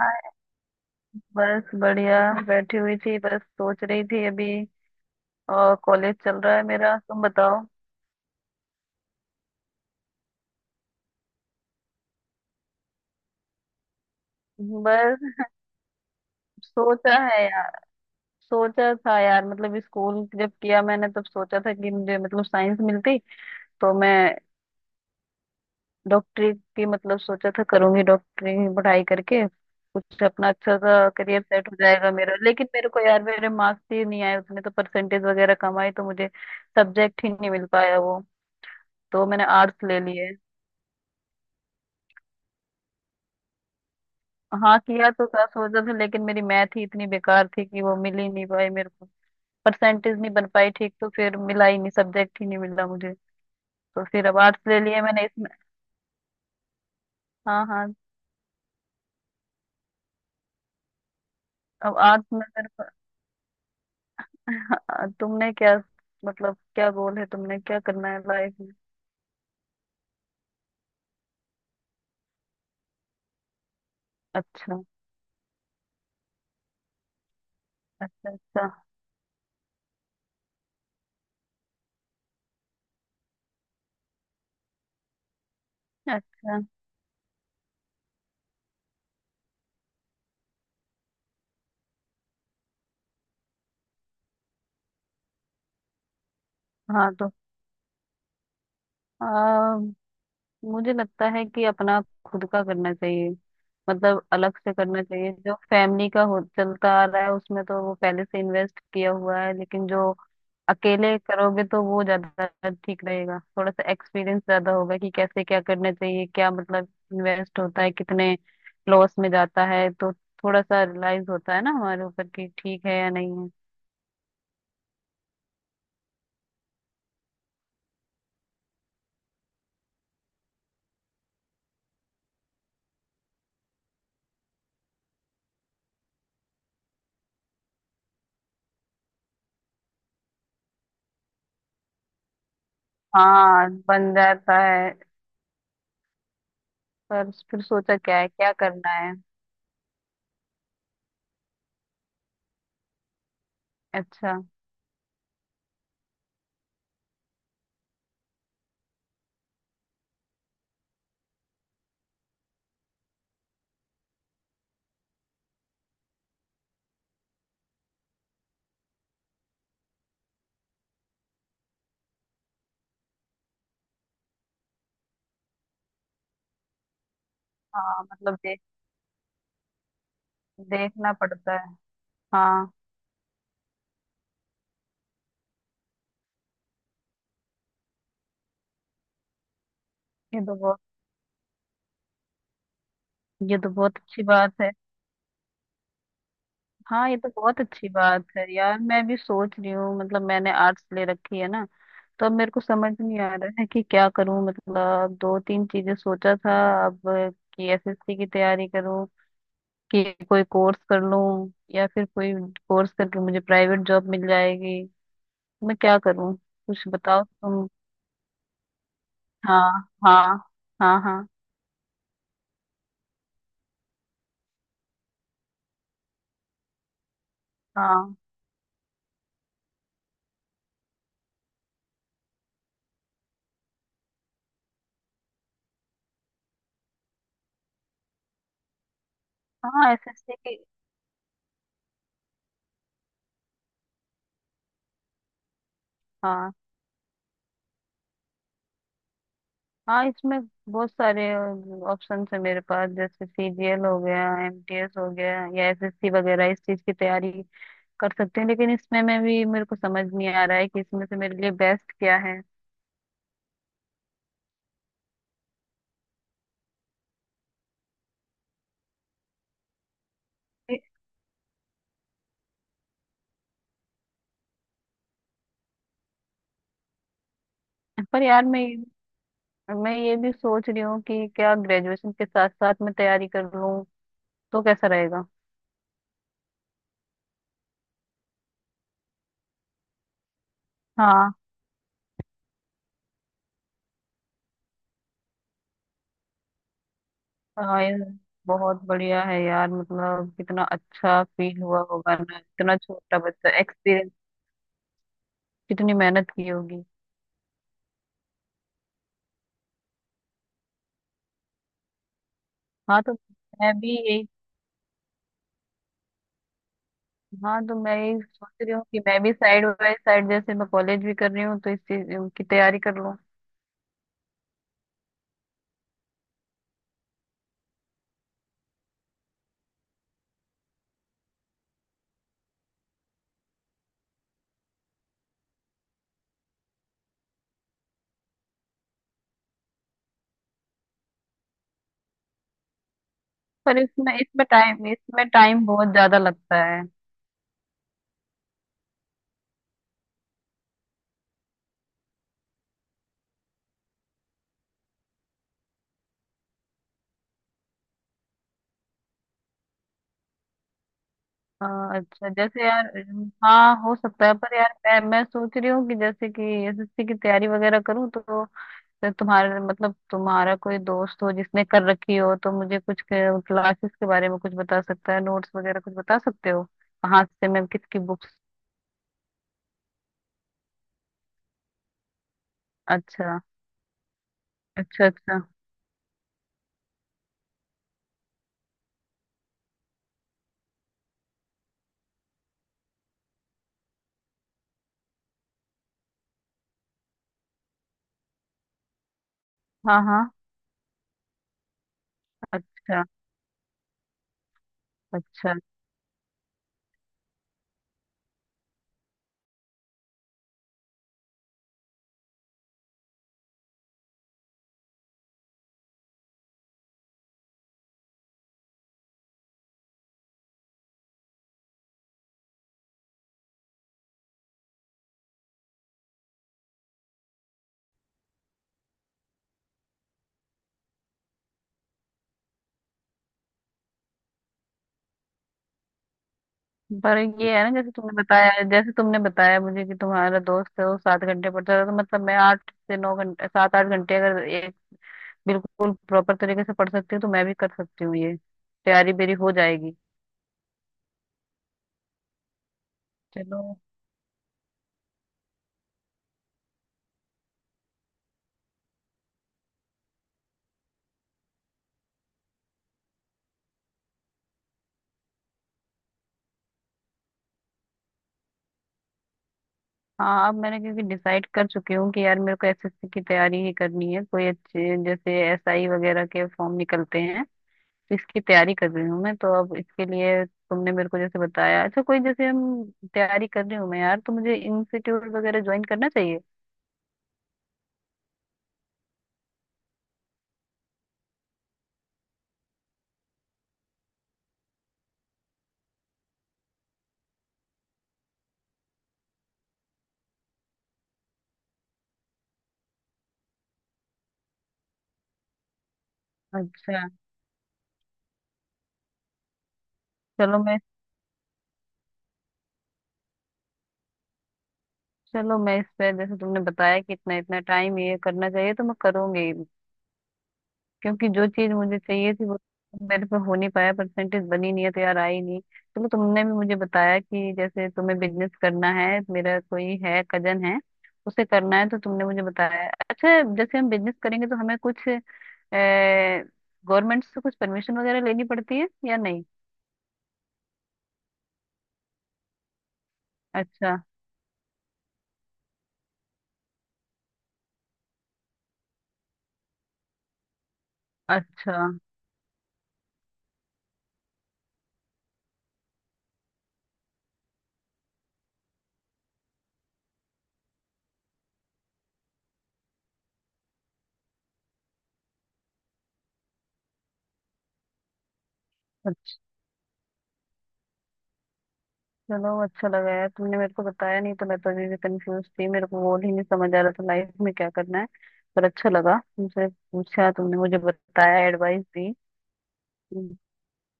हाय, बस बढ़िया बैठी हुई थी। बस सोच रही थी अभी। और कॉलेज चल रहा है मेरा। तुम बताओ। बस सोचा है यार। सोचा था यार, मतलब स्कूल जब किया मैंने तब सोचा था कि मुझे मतलब साइंस मिलती तो मैं डॉक्टरी की, मतलब सोचा था करूंगी डॉक्टरी की पढ़ाई करके कुछ अपना अच्छा सा करियर सेट हो जाएगा मेरा। लेकिन मेरे को यार, मेरे मार्क्स ही नहीं आए उसमें, तो परसेंटेज वगैरह कम आई तो मुझे सब्जेक्ट ही नहीं मिल पाया वो। तो मैंने आर्ट्स ले लिए। हाँ किया तो था, सोचा था, लेकिन मेरी मैथ ही इतनी बेकार थी कि वो मिल ही नहीं पाई मेरे को। परसेंटेज नहीं बन पाई ठीक, तो फिर मिला ही नहीं, सब्जेक्ट ही नहीं मिला मुझे। तो फिर अब आर्ट्स ले लिया मैंने इसमें। हाँ हाँ। अब आर्ट्स में मेरे को तुमने क्या मतलब, क्या गोल है, तुमने क्या करना है लाइफ में? अच्छा। अच्छा। अच्छा। अच्छा। हाँ तो मुझे लगता है कि अपना खुद का करना चाहिए। मतलब अलग से करना चाहिए। जो फैमिली का हो चलता आ रहा है उसमें तो वो पहले से इन्वेस्ट किया हुआ है, लेकिन जो अकेले करोगे तो वो ज्यादा ठीक रहेगा। थोड़ा सा एक्सपीरियंस ज्यादा होगा कि कैसे क्या करना चाहिए, क्या मतलब इन्वेस्ट होता है, कितने लॉस में जाता है, तो थोड़ा सा रियलाइज होता है ना हमारे ऊपर कि ठीक है या नहीं है। हाँ बन जाता है। पर फिर सोचा क्या है, क्या करना है? अच्छा। हाँ मतलब देखना पड़ता है। हाँ, ये तो बहुत ये तो बहुत अच्छी बात है। हाँ ये तो बहुत अच्छी बात है यार। मैं भी सोच रही हूँ, मतलब मैंने आर्ट्स ले रखी है ना, तो अब मेरे को समझ नहीं आ रहा है कि क्या करूँ। मतलब दो तीन चीजें सोचा था अब, कि एसएससी की तैयारी करूँ, कि कोई कोर्स कर लूँ, या फिर कोई कोर्स करके मुझे प्राइवेट जॉब मिल जाएगी। मैं क्या करूँ? कुछ बताओ तुम। हाँ। हाँ। हाँ। हाँ। हाँ। हाँ। एसएससी की। हाँ हाँ। इसमें बहुत सारे ऑप्शन है मेरे पास, जैसे सीजीएल हो गया, एमटीएस हो गया, या एसएससी वगैरह, इस चीज की तैयारी कर सकते हैं। लेकिन इसमें में भी मेरे को समझ नहीं आ रहा है कि इसमें से मेरे लिए बेस्ट क्या है। पर यार मैं, ये भी सोच रही हूँ कि क्या ग्रेजुएशन के साथ साथ मैं तैयारी कर लूँ, तो कैसा रहेगा? हाँ हाँ, ये बहुत बढ़िया है यार। मतलब कितना अच्छा फील हुआ होगा ना, इतना छोटा बच्चा एक्सपीरियंस। कितनी मेहनत की होगी। हाँ तो मैं भी यही। हाँ तो मैं यही सोच रही हूँ कि मैं भी साइड बाय साइड, जैसे मैं कॉलेज भी कर रही हूँ, तो इस चीज की तैयारी कर लूँ। पर इसमें, इसमें टाइम बहुत ज्यादा लगता है। हाँ, अच्छा जैसे यार हाँ हो सकता है। पर यार मैं, सोच रही हूँ कि जैसे कि एसएससी की तैयारी वगैरह करूँ, तो तुम्हारे मतलब तुम्हारा कोई दोस्त हो जिसने कर रखी हो, तो मुझे कुछ क्लासेस के बारे में कुछ बता सकता है, नोट्स वगैरह कुछ बता सकते हो कहाँ से मैं किसकी बुक्स। अच्छा। अच्छा। अच्छा। हाँ हाँ। अच्छा। अच्छा। पर ये है ना, जैसे तुमने बताया मुझे कि तुम्हारा दोस्त है वो सात घंटे पढ़ता है, तो मतलब मैं आठ से नौ घंटे, सात आठ घंटे अगर एक बिल्कुल प्रॉपर तरीके से पढ़ सकती हूँ, तो मैं भी कर सकती हूँ ये। तैयारी मेरी हो जाएगी। चलो। हाँ अब मैंने क्योंकि डिसाइड कर चुकी हूँ कि यार मेरे को एसएससी की तैयारी ही करनी है। कोई अच्छे जैसे एसआई वगैरह के फॉर्म निकलते हैं, इसकी तैयारी कर रही हूँ मैं। तो अब इसके लिए तुमने मेरे को जैसे बताया, अच्छा कोई जैसे हम तैयारी कर रही हूँ मैं यार, तो मुझे इंस्टीट्यूट वगैरह ज्वाइन करना चाहिए। अच्छा। चलो मैं चलो मैं इस पे जैसे तुमने बताया कि इतना इतना टाइम ये करना चाहिए, तो मैं करूंगी। क्योंकि जो चीज मुझे चाहिए थी वो मेरे पे हो नहीं पाया, परसेंटेज बनी नहीं है, तो यार आई नहीं। चलो, तुमने भी मुझे बताया कि जैसे तुम्हें बिजनेस करना है, मेरा कोई है कजन है, उसे करना है, तो तुमने मुझे बताया अच्छा, जैसे हम बिजनेस करेंगे तो हमें कुछ गवर्नमेंट से कुछ परमिशन वगैरह लेनी पड़ती है या नहीं? अच्छा। अच्छा। अच्छा। चलो अच्छा लगा यार तुमने मेरे को बताया। नहीं तो मैं तो अभी भी कंफ्यूज थी, मेरे को गोल ही नहीं समझ आ रहा था लाइफ में क्या करना है। पर अच्छा लगा, तुमसे पूछा, तुमने मुझे बताया, एडवाइस दी। हम्म।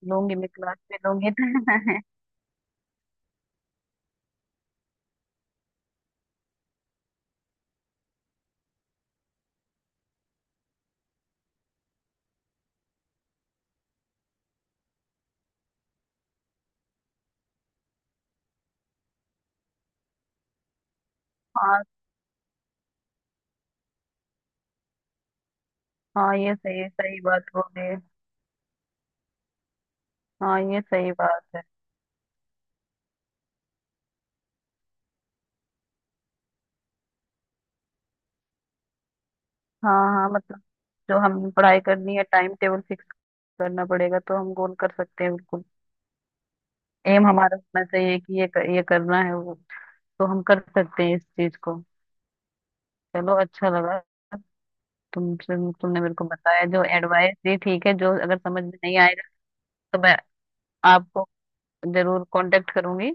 लूंगी, मैं क्लास में लूंगी हाँ हाँ, ये सही सही बात बोले। हाँ ये सही बात है। हाँ हाँ, मतलब जो हम पढ़ाई करनी है, टाइम टेबल फिक्स करना पड़ेगा तो हम गोल कर सकते हैं बिल्कुल। एम हमारा होना चाहिए कि ये, करना है वो, तो हम कर सकते हैं इस चीज को। चलो अच्छा लगा। तुमने मेरे को बताया जो एडवाइस दी ठीक है। जो अगर समझ में नहीं आएगा तो मैं आपको जरूर कांटेक्ट करूंगी,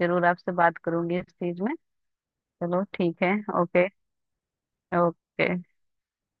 जरूर आपसे बात करूंगी इस चीज में। चलो ठीक है। ओके। ओके।